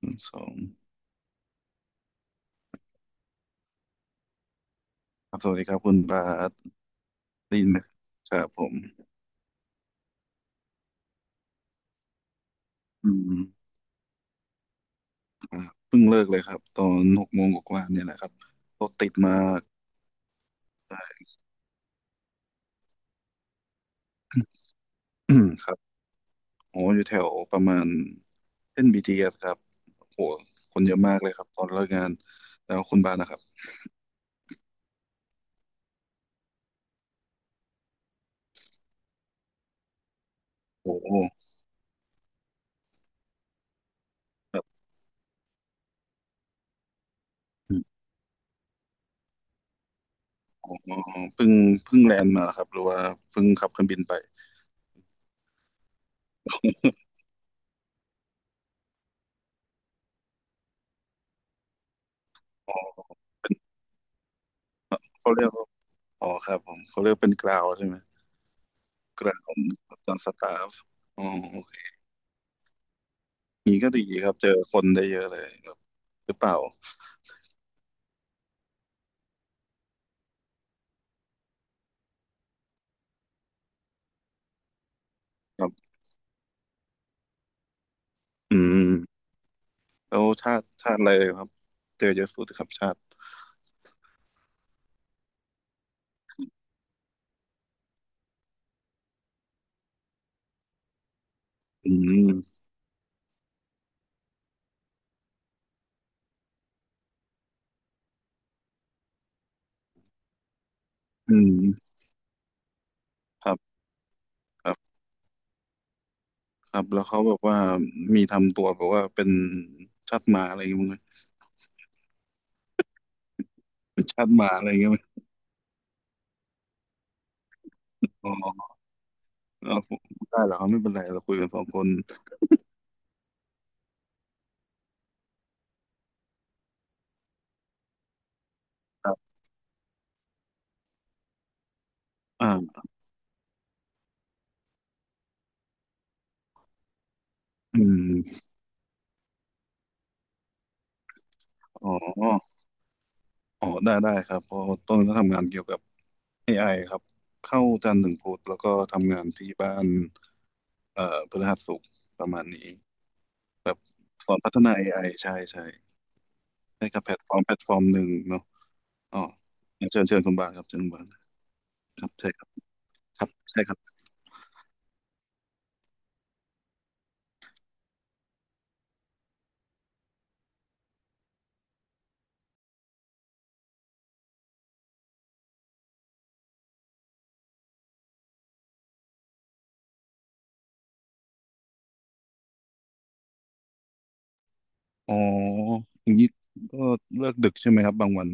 หนึ่งสองครับสวัสดีครับคุณบาสได้ยินไหมครับผมอืมครับเพิ่งเลิกเลยครับตอนหกโมงกว่าๆเนี่ยแหละครับรถติดมากอืมครับโหอยู่แถวประมาณเส้น BTS ครับโหคนเยอะมากเลยครับตอนเลิกงานแล้วคุณบาสนะครับโหครับอ๋อเพิ่งเพิ่งแลนด์มาเหรอครับหรือว่าเพิ่งขับเครื่องบินไป อ๋อเขาเรียกว่าอ๋อครับผมเขาเรียกเป็นกราวใช่ไหมกราวตอนสตาฟอ๋อ นี้ก็ดีครับเจอคนได้เยอะเลยครับหรือเปล่าครับอืมแล้วชาติอะไรครับเจอเยอะสุดครับชาติอืมอืมครับครับครับแล้วเขาแบบว่ามีทำตัวแบบว่าเป็นชาติหมาอะไรอย่างเงี้ยมั้งนะชาติหมาอะไรอย่างเงี้ยมั้ยอ๋อเอาได้เหรอครับไม่เป็นไรเราคุยกันสองคนครับอ่าอืมอ๋ออ๋อได้ครับเพราะต้นก็ทำงานเกี่ยวกับ AI ครับเข้าจันทร์ถึงพุธแล้วก็ทำงานที่บ้าน เอ่อพฤหัสศุกร์ประมาณนี้แบบสอนพัฒนา AI ใช่ให้กับแพลตฟอร์มหนึ่งเนาะอ๋อเชิญคุณบาทครับเชิญคุณบาทครับใช่ครับครับใช่ครับอ๋ออย่างนี้ก็เลิกดึกใช่ไหมครับบางวัน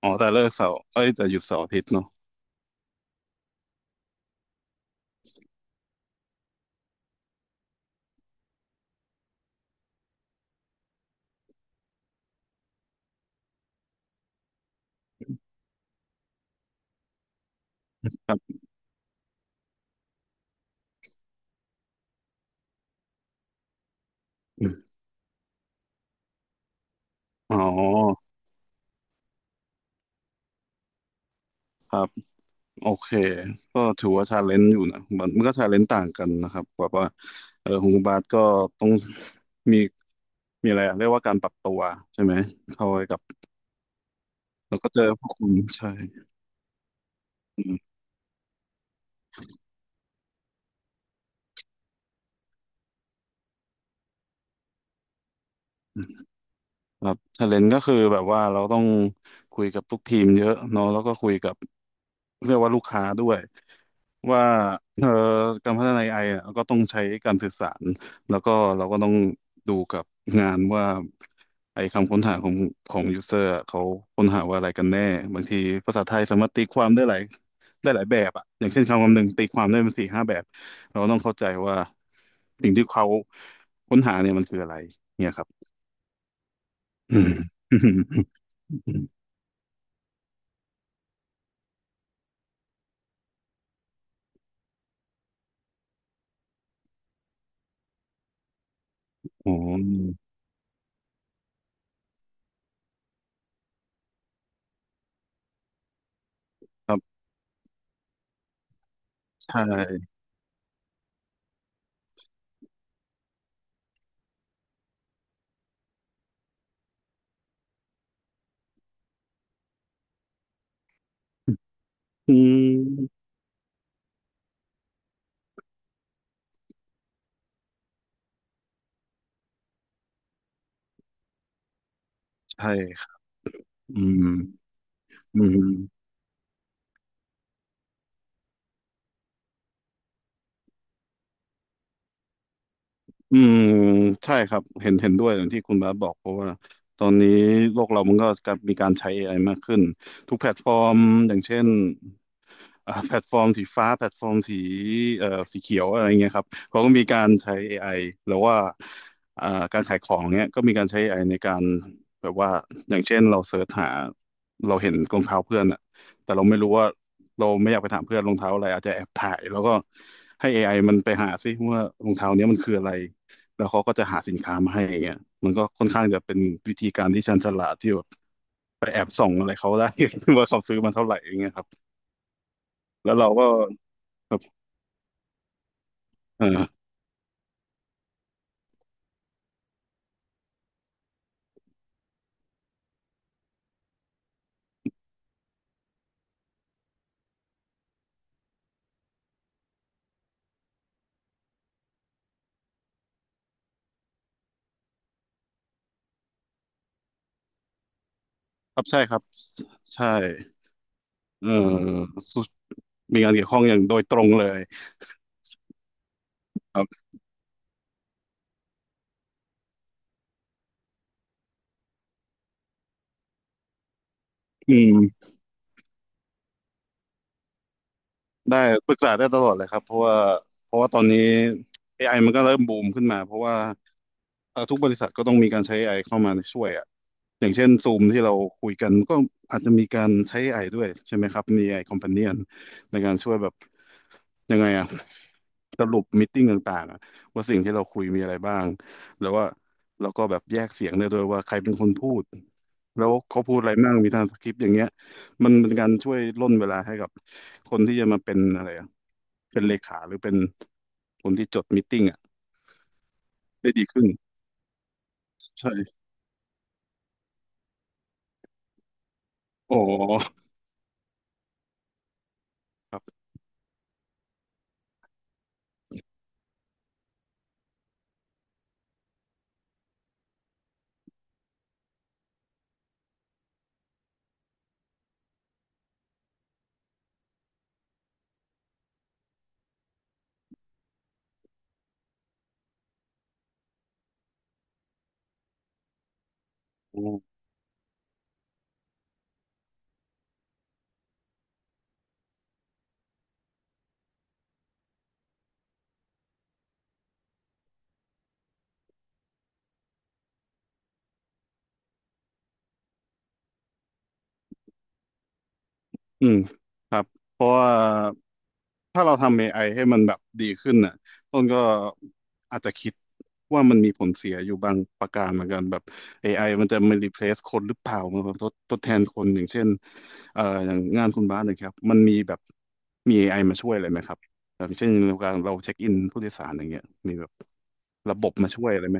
อ๋อแต่เลิกเสาร์เอ้ยแต่หยุดเสาร์อาทิตย์เนาะครับอืมอ๋อโอเคก็ถือว่าชาเลนจ์อยู่นะมันก็ชาเลนจ์ต่างกันนะครับแบบว่าเออของคุณบาทก็ต้องมีมีอะไรอะเรียกว่าการปรับตัวใช่ไหมเข้าไปกับ แล้วก็เจอพวกคุณใช่อื ครับชาเลนก็คือแบบว่าเราต้องคุยกับทุกทีมเยอะเนาะแล้วก็คุยกับเรียกว่าลูกค้าด้วยว่าเอ่อการพัฒนา AI อไออะก็ต้องใช้การสื่อสารแล้วก็เราก็ต้องดูกับงานว่าไอ้คำค้นหาของยูเซอร์เขาค้นหาว่าอะไรกันแน่บางทีภาษาไทยสามารถตีความได้หลายได้หลายแบบอะอย่างเช่นคำคำหนึ่งตีความได้เป็นสี่ห้าแบบเราก็ต้องเข้าใจว่าสิ่งที่เขาค้นหาเนี่ยมันคืออะไรเนี่ยครับอืม อืม๋อครับใช่อืมใช่ครับอืมอืม อืมใช่ครับเห็นด้วยอย่างที่คุณบาสบอกเพราะว่าตอนนี้โลกเรามันก็กลับมีการใช้เอไอมากขึ้นทุกแพลตฟอร์มอย่างเช่นอ่าแพลตฟอร์มสีฟ้าแพลตฟอร์มสีเอ่อสีเขียวอะไรเงี้ยครับเขาก็มีการใช้ AI หรือว่าอ่าการขายของเนี้ยก็มีการใช้ AI ในการแบบว่าอย่างเช่นเราเสิร์ชหาเราเห็นรองเท้าเพื่อนอะแต่เราไม่รู้ว่าเราไม่อยากไปถามเพื่อนรองเท้าอะไรอาจจะแอบถ่ายแล้วก็ให้ AI มันไปหาซิว่ารองเท้าเนี้ยมันคืออะไร แล้วเขาก็จะหาสินค้ามาให้อย่างเงี้ยมันก็ค่อนข้างจะเป็นวิธีการที่ชันฉลาดที่แบบไปแอบส่องอะไรเขาได้ ว่าเขาซื้อมาเท่าไหร่อย่างเงี้ยครับแล้วเราก็ครับเออครับใช่ครับ ใช่เออสุมีงานเกี่ยวข้องอย่างโดยตรงเลยครับอืม ได้ปรึกษาได้ตลอดเลยครับเพราะว่าตอนนี้ AI มันก็เริ่มบูมขึ้นมาเพราะว่าทุกบริษัทก็ต้องมีการใช้ AI เข้ามาช่วยอ่ะอย่างเช่นซูมที่เราคุยกันก็อาจจะมีการใช้ AI ด้วยใช่ไหมครับมี AI Companion ในการช่วยแบบยังไงอ่ะสรุปมีตติ้งต่างๆอะว่าสิ่งที่เราคุยมีอะไรบ้างแล้วว่าเราก็แบบแยกเสียงได้ด้วยว่าใครเป็นคนพูดแล้วเขาพูดอะไรบ้างมีทรางสคริปต์อย่างเงี้ย มันเป็นการช่วยร่นเวลาให้กับคนที่จะมาเป็นอะไรอะเป็นเลขาหรือเป็นคนที่จดมีตติ้งอ่ะได้ดีขึ้นใช่อ๋อครับ อืมครับเพราะว่าถ้าเราทำ AI ให้มันแบบดีขึ้นน่ะต้นก็อาจจะคิดว่ามันมีผลเสียอยู่บางประการเหมือนกันแบบ AI มันจะมา replace คนหรือเปล่ามันแบบทดแทนคนอย่างเช่นอย่างงานคุณบาสเนะครับมันมีแบบมี AI มาช่วยอะไรไหมครับอย่างเช่นในการเราเช็คอินผู้โดยสารอย่างเงี้ยมีแบบระบบมาช่วยอะไรไหม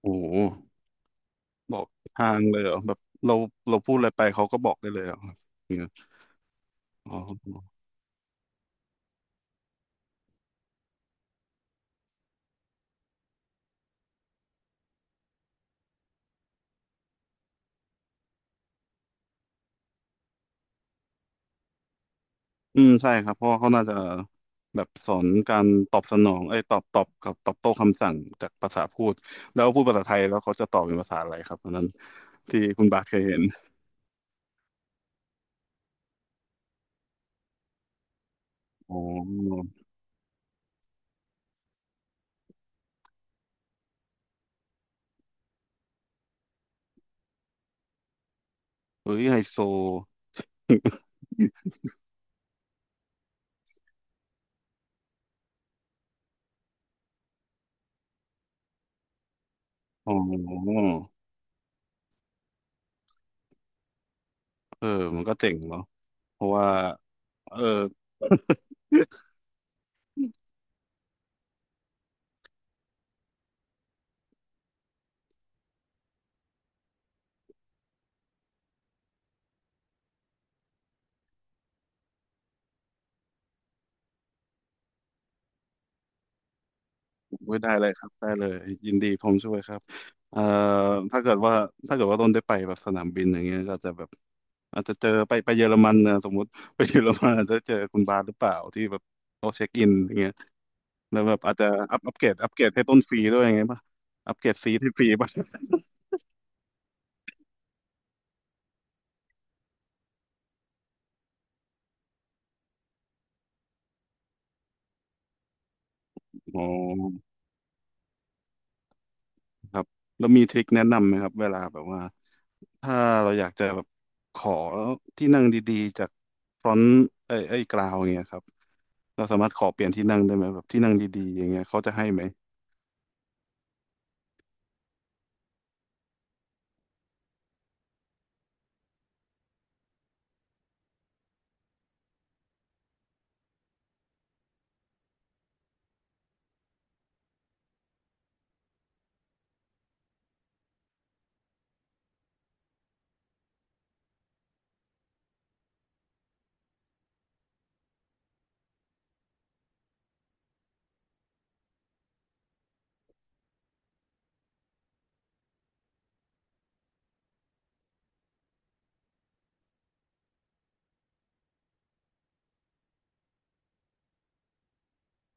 โอ้โหบอกทางเลยเหรอแบบเราเราพูดอะไรไปเขาก็บอกได้เลยเหรออย่างเงี้ยอ๋อ อืมใช่ครับเพราะว่าเขาน่าจะแบบสอนการตอบสนองเอ้ยตอบตอบกับตอบโต้คำสั่งจากภาษาพูดแล้วพูดภาษาไทยแล้วเขาจะตอบเป็นภาษาอะไรครับตอนนั้นที่คุณบาทเคยเห็นอ๋อเฮ้ยไฮโซอ๋อเออมันก็เจ๋งเนาะเพราะว่าเออ อุ้ยได้เลยครับได้เลยยินดีผมช่วยครับเอ่อถ้าเกิดว่าถ้าเกิดว่าต้นได้ไปแบบสนามบินอย่างเงี้ยก็จะแบบอาจจะเจอไปเยอรมันนะสมมุติไปเยอรมันอาจจะเจอคุณบาสหรือเปล่าที่แบบเขาเช็คอินอย่างเงี้ยแล้วแบบอาจจะอัปเกรดให้ต้นฟรีด้วยอย่างเงี้ยป่ะอัปเกรดฟรีที่ฟรีป่ะ อ๋อครับแล้วมีทริคแนะนำไหมครับเวลาแบบว่า ถ้าเราอยากจะแบบขอที่นั่งดีๆจากฟรอนต์ไอ้กราวอย่างเงี้ยครับเราสามารถขอเปลี่ยนที่นั่งได้ไหมแบบที่นั่งดีๆอย่างเงี้ยเขาจะให้ไหม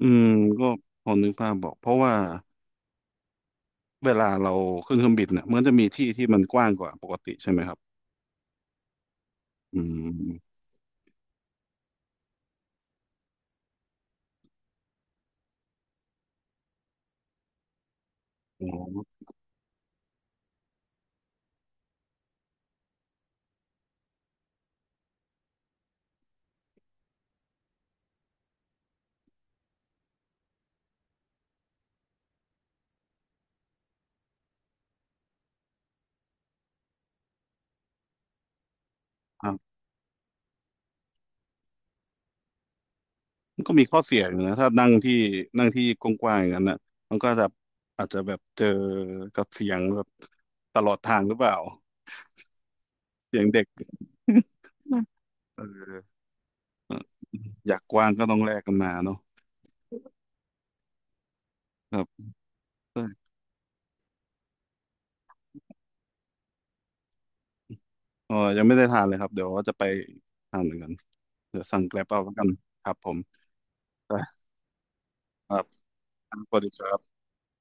อืมก็พอนึกภาพบอกเพราะว่าเวลาเราขึ้นเครื่องบินเนี่ยมันจะมีที่ที่มันกว้างกว่าปกติใช่ไหมครับอืมอ๋อครับมันก็มีข้อเสียอยู่นะถ้านั่งที่นั่งที่กว้างๆอย่างนั้นนะมันก็จะอาจจะแบบเจอกับเสียงแบบตลอดทางหรือเปล่าเสียงเด็กนะเออ อยากกว้างก็ต้องแลกกันมาเนาะครับเออยังไม่ได้ทานเลยครับเดี๋ยวว่าจะไปทานเหมือนกันเดี๋ยวสั่งแกร็บเอาแล้วกันครับผมครับครับสวัสดีครับ